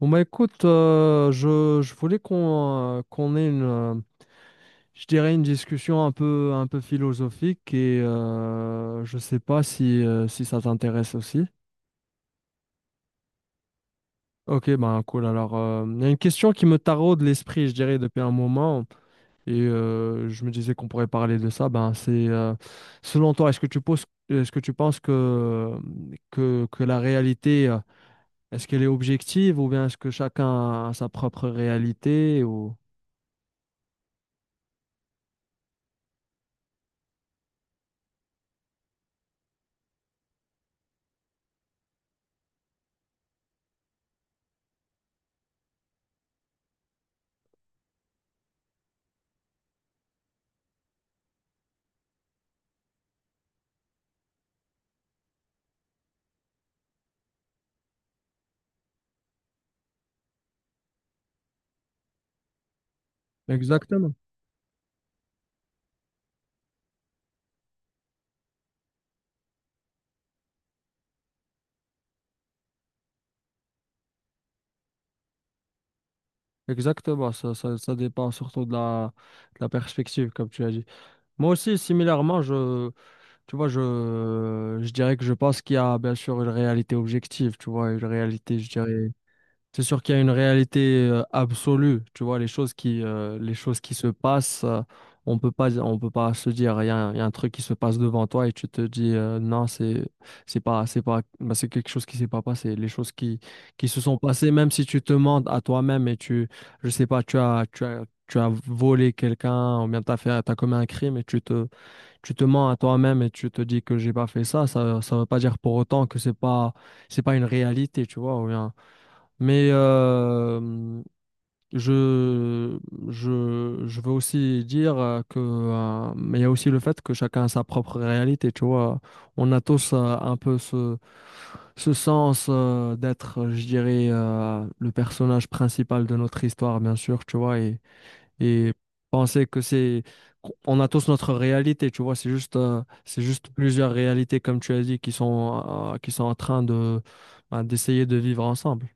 Bon bah écoute, je voulais qu'on qu'on ait je dirais une discussion un peu philosophique et je sais pas si, si ça t'intéresse aussi. Ok, ben cool. Alors, il y a une question qui me taraude l'esprit, je dirais, depuis un moment et je me disais qu'on pourrait parler de ça. Ben c'est, selon toi, est-ce que tu penses que la réalité, est-ce qu'elle est objective ou bien est-ce que chacun a sa propre réalité ou. Exactement. Exactement, ça dépend surtout de la perspective, comme tu as dit. Moi aussi, similairement, tu vois, je dirais que je pense qu'il y a bien sûr une réalité objective, tu vois, une réalité, je dirais, c'est sûr qu'il y a une réalité absolue, tu vois, les choses qui se passent, on peut pas se dire, il y a un truc qui se passe devant toi et tu te dis, non, c'est pas, bah, c'est quelque chose qui s'est pas passé. Les choses qui se sont passées, même si tu te mens à toi-même et tu, je sais pas, tu as volé quelqu'un ou bien t'as commis un crime et tu te mens à toi-même et tu te dis que j'ai pas fait ça veut pas dire pour autant que c'est pas une réalité, tu vois, ou bien. Mais je, je veux aussi dire mais il y a aussi le fait que chacun a sa propre réalité, tu vois. On a tous un peu ce sens d'être, je dirais, le personnage principal de notre histoire, bien sûr, tu vois, et penser que c'est, on a tous notre réalité, tu vois, c'est juste plusieurs réalités, comme tu as dit, qui sont en train de, bah, d'essayer de vivre ensemble.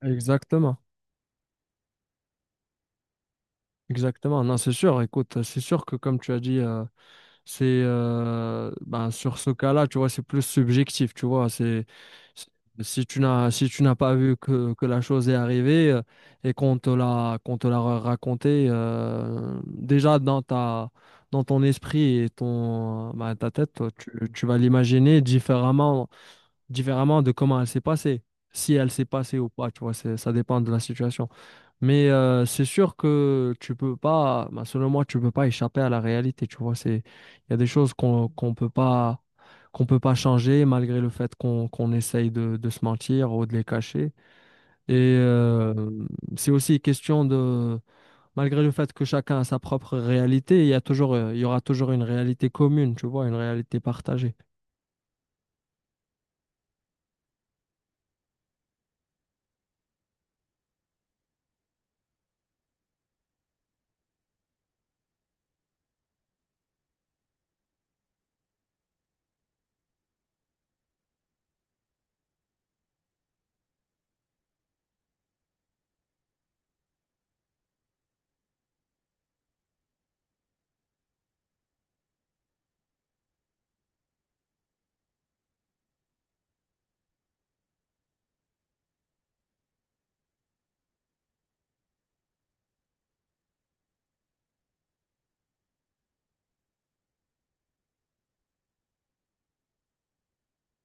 Exactement. Exactement, non, c'est sûr. Écoute, c'est sûr que comme tu as dit, c'est ben, sur ce cas-là, tu vois, c'est plus subjectif, tu vois. C'est- si tu n'as si tu n'as pas vu que la chose est arrivée et qu'on te l'a raconté déjà dans ton esprit et ton ben, ta tête, toi, tu vas l'imaginer différemment de comment elle s'est passée, si elle s'est passée ou pas, tu vois. C'est Ça dépend de la situation. Mais c'est sûr que tu peux pas, bah, selon moi, tu peux pas échapper à la réalité. Tu vois, c'est, il y a des choses qu'on peut pas changer malgré le fait qu'on essaye de se mentir ou de les cacher. Et c'est aussi question de, malgré le fait que chacun a sa propre réalité, il y aura toujours une réalité commune. Tu vois, une réalité partagée.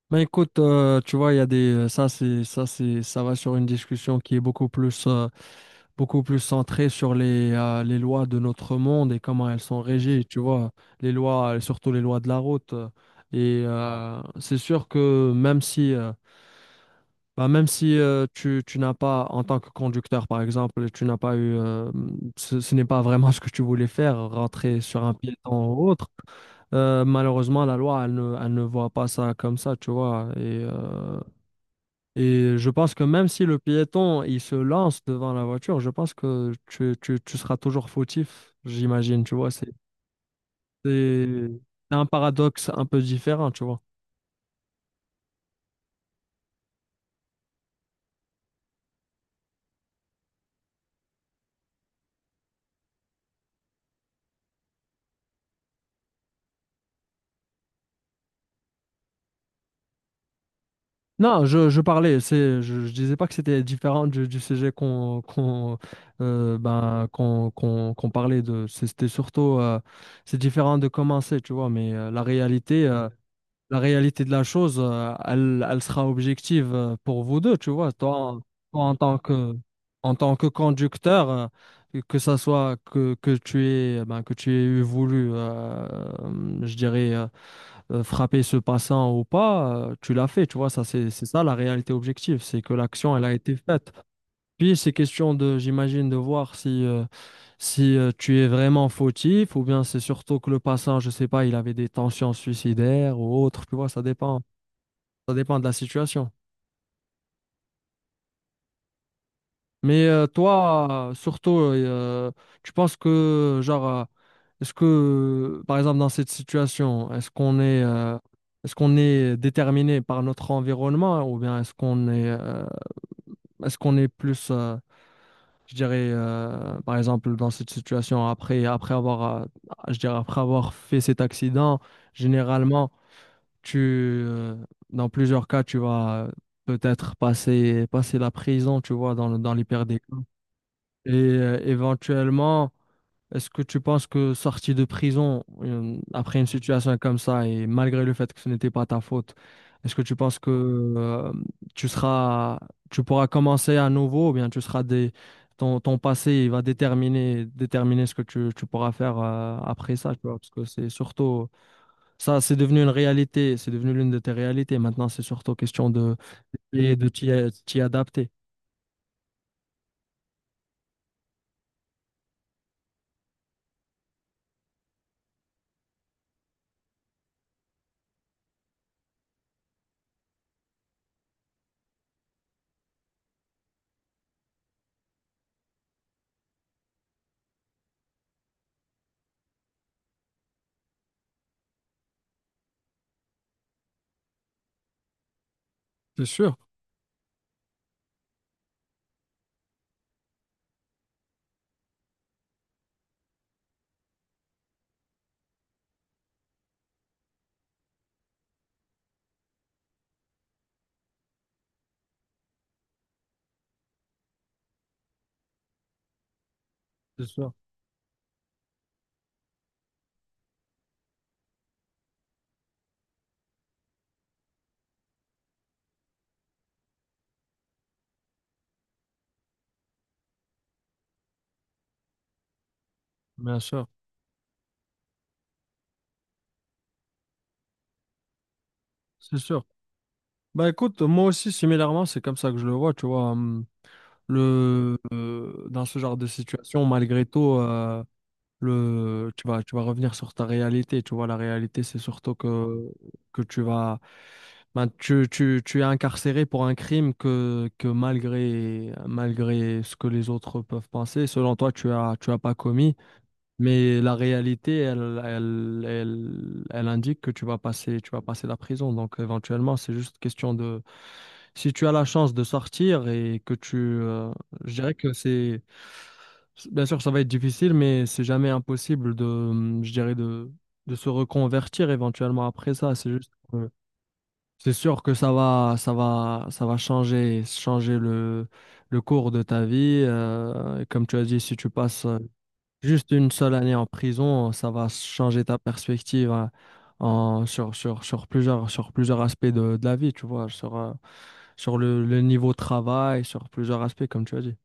Mais écoute, tu vois, il y a des, ça va sur une discussion qui est beaucoup plus centré sur les lois de notre monde et comment elles sont régies, tu vois, les lois, surtout les lois de la route. Et c'est sûr que même si tu n'as pas, en tant que conducteur par exemple, tu n'as pas eu, ce n'est pas vraiment ce que tu voulais faire, rentrer sur un piéton ou autre, malheureusement, la loi, elle ne voit pas ça comme ça, tu vois. Et je pense que même si le piéton, il se lance devant la voiture, je pense que tu seras toujours fautif, j'imagine, tu vois. C'est- c'est un paradoxe un peu différent, tu vois. Non, je parlais, je disais pas que c'était différent du sujet qu'on qu'on ben, qu'on qu'on qu'on parlait de. C'était surtout, c'est différent de commencer, tu vois, mais la réalité de la chose, elle sera objective pour vous deux, tu vois. Toi, en tant que conducteur, que tu aies, eh ben, que tu aies voulu, je dirais, frapper ce passant ou pas, tu l'as fait, tu vois. Ça, c'est ça la réalité objective, c'est que l'action, elle a été faite. Puis, c'est question de, j'imagine, de voir si tu es vraiment fautif ou bien c'est surtout que le passant, je sais pas, il avait des tensions suicidaires ou autre, tu vois, ça dépend. Ça dépend de la situation. Mais toi, surtout, tu penses que, genre, est-ce que, par exemple, dans cette situation, est-ce qu'on est déterminé par notre environnement ou bien est-ce qu'on est plus, je dirais, par exemple, dans cette situation, après avoir fait cet accident, généralement, tu, dans plusieurs cas, tu vas passer la prison, tu vois, dans l'hyper. Et éventuellement, est-ce que tu penses que sorti de prison après une situation comme ça et malgré le fait que ce n'était pas ta faute, est-ce que tu penses que euh, tu seras, tu pourras commencer à nouveau ou bien ton passé il va déterminer ce que tu pourras faire après ça, tu vois, parce que c'est surtout ça, c'est devenu une réalité, c'est devenu l'une de tes réalités. Maintenant, c'est surtout question de et de t'y adapter. C'est sûr, c'est sûr, bien sûr, c'est sûr. Bah écoute, moi aussi, similairement, c'est comme ça que je le vois, tu vois. Dans ce genre de situation, malgré tout, tu vas revenir sur ta réalité. Tu vois, la réalité, c'est surtout que tu vas, ben, tu es incarcéré pour un crime que malgré ce que les autres peuvent penser, selon toi, tu as pas commis. Mais la réalité, elle indique que tu vas passer la prison. Donc éventuellement, c'est juste question de si tu as la chance de sortir et que tu... je dirais que c'est... Bien sûr, ça va être difficile, mais c'est jamais impossible je dirais, de se reconvertir éventuellement après ça. C'est sûr que ça va changer le cours de ta vie. Et comme tu as dit, si tu passes juste une seule année en prison, ça va changer ta perspective hein, en, sur, sur, sur plusieurs aspects de la vie, tu vois, le niveau de travail, sur plusieurs aspects, comme tu as dit.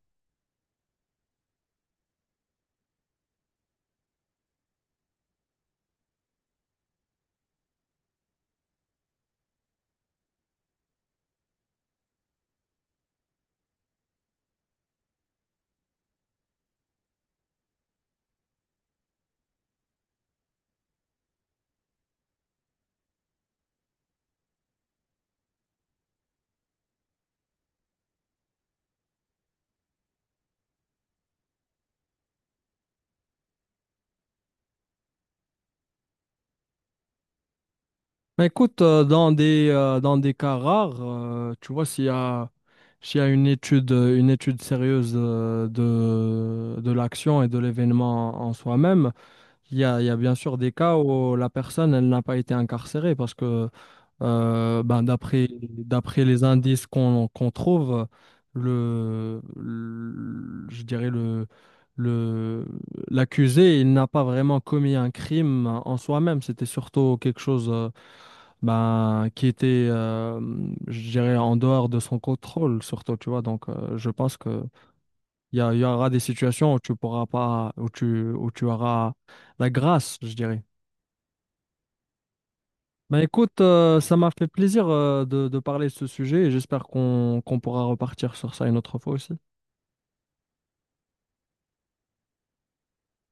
Mais écoute, dans des cas rares, tu vois, s'il y a une étude sérieuse de l'action et de l'événement en soi-même, il y a bien sûr des cas où la personne, elle n'a pas été incarcérée parce que d'après les indices qu'on trouve, le- je dirais le, l'accusé, il n'a pas vraiment commis un crime en soi-même. C'était surtout quelque chose ben, qui était, je dirais, en dehors de son contrôle, surtout, tu vois. Donc, je pense que il y aura des situations où tu pourras pas, où où tu auras la grâce, je dirais. Ben écoute, ça m'a fait plaisir de parler de ce sujet et j'espère qu'on pourra repartir sur ça une autre fois aussi.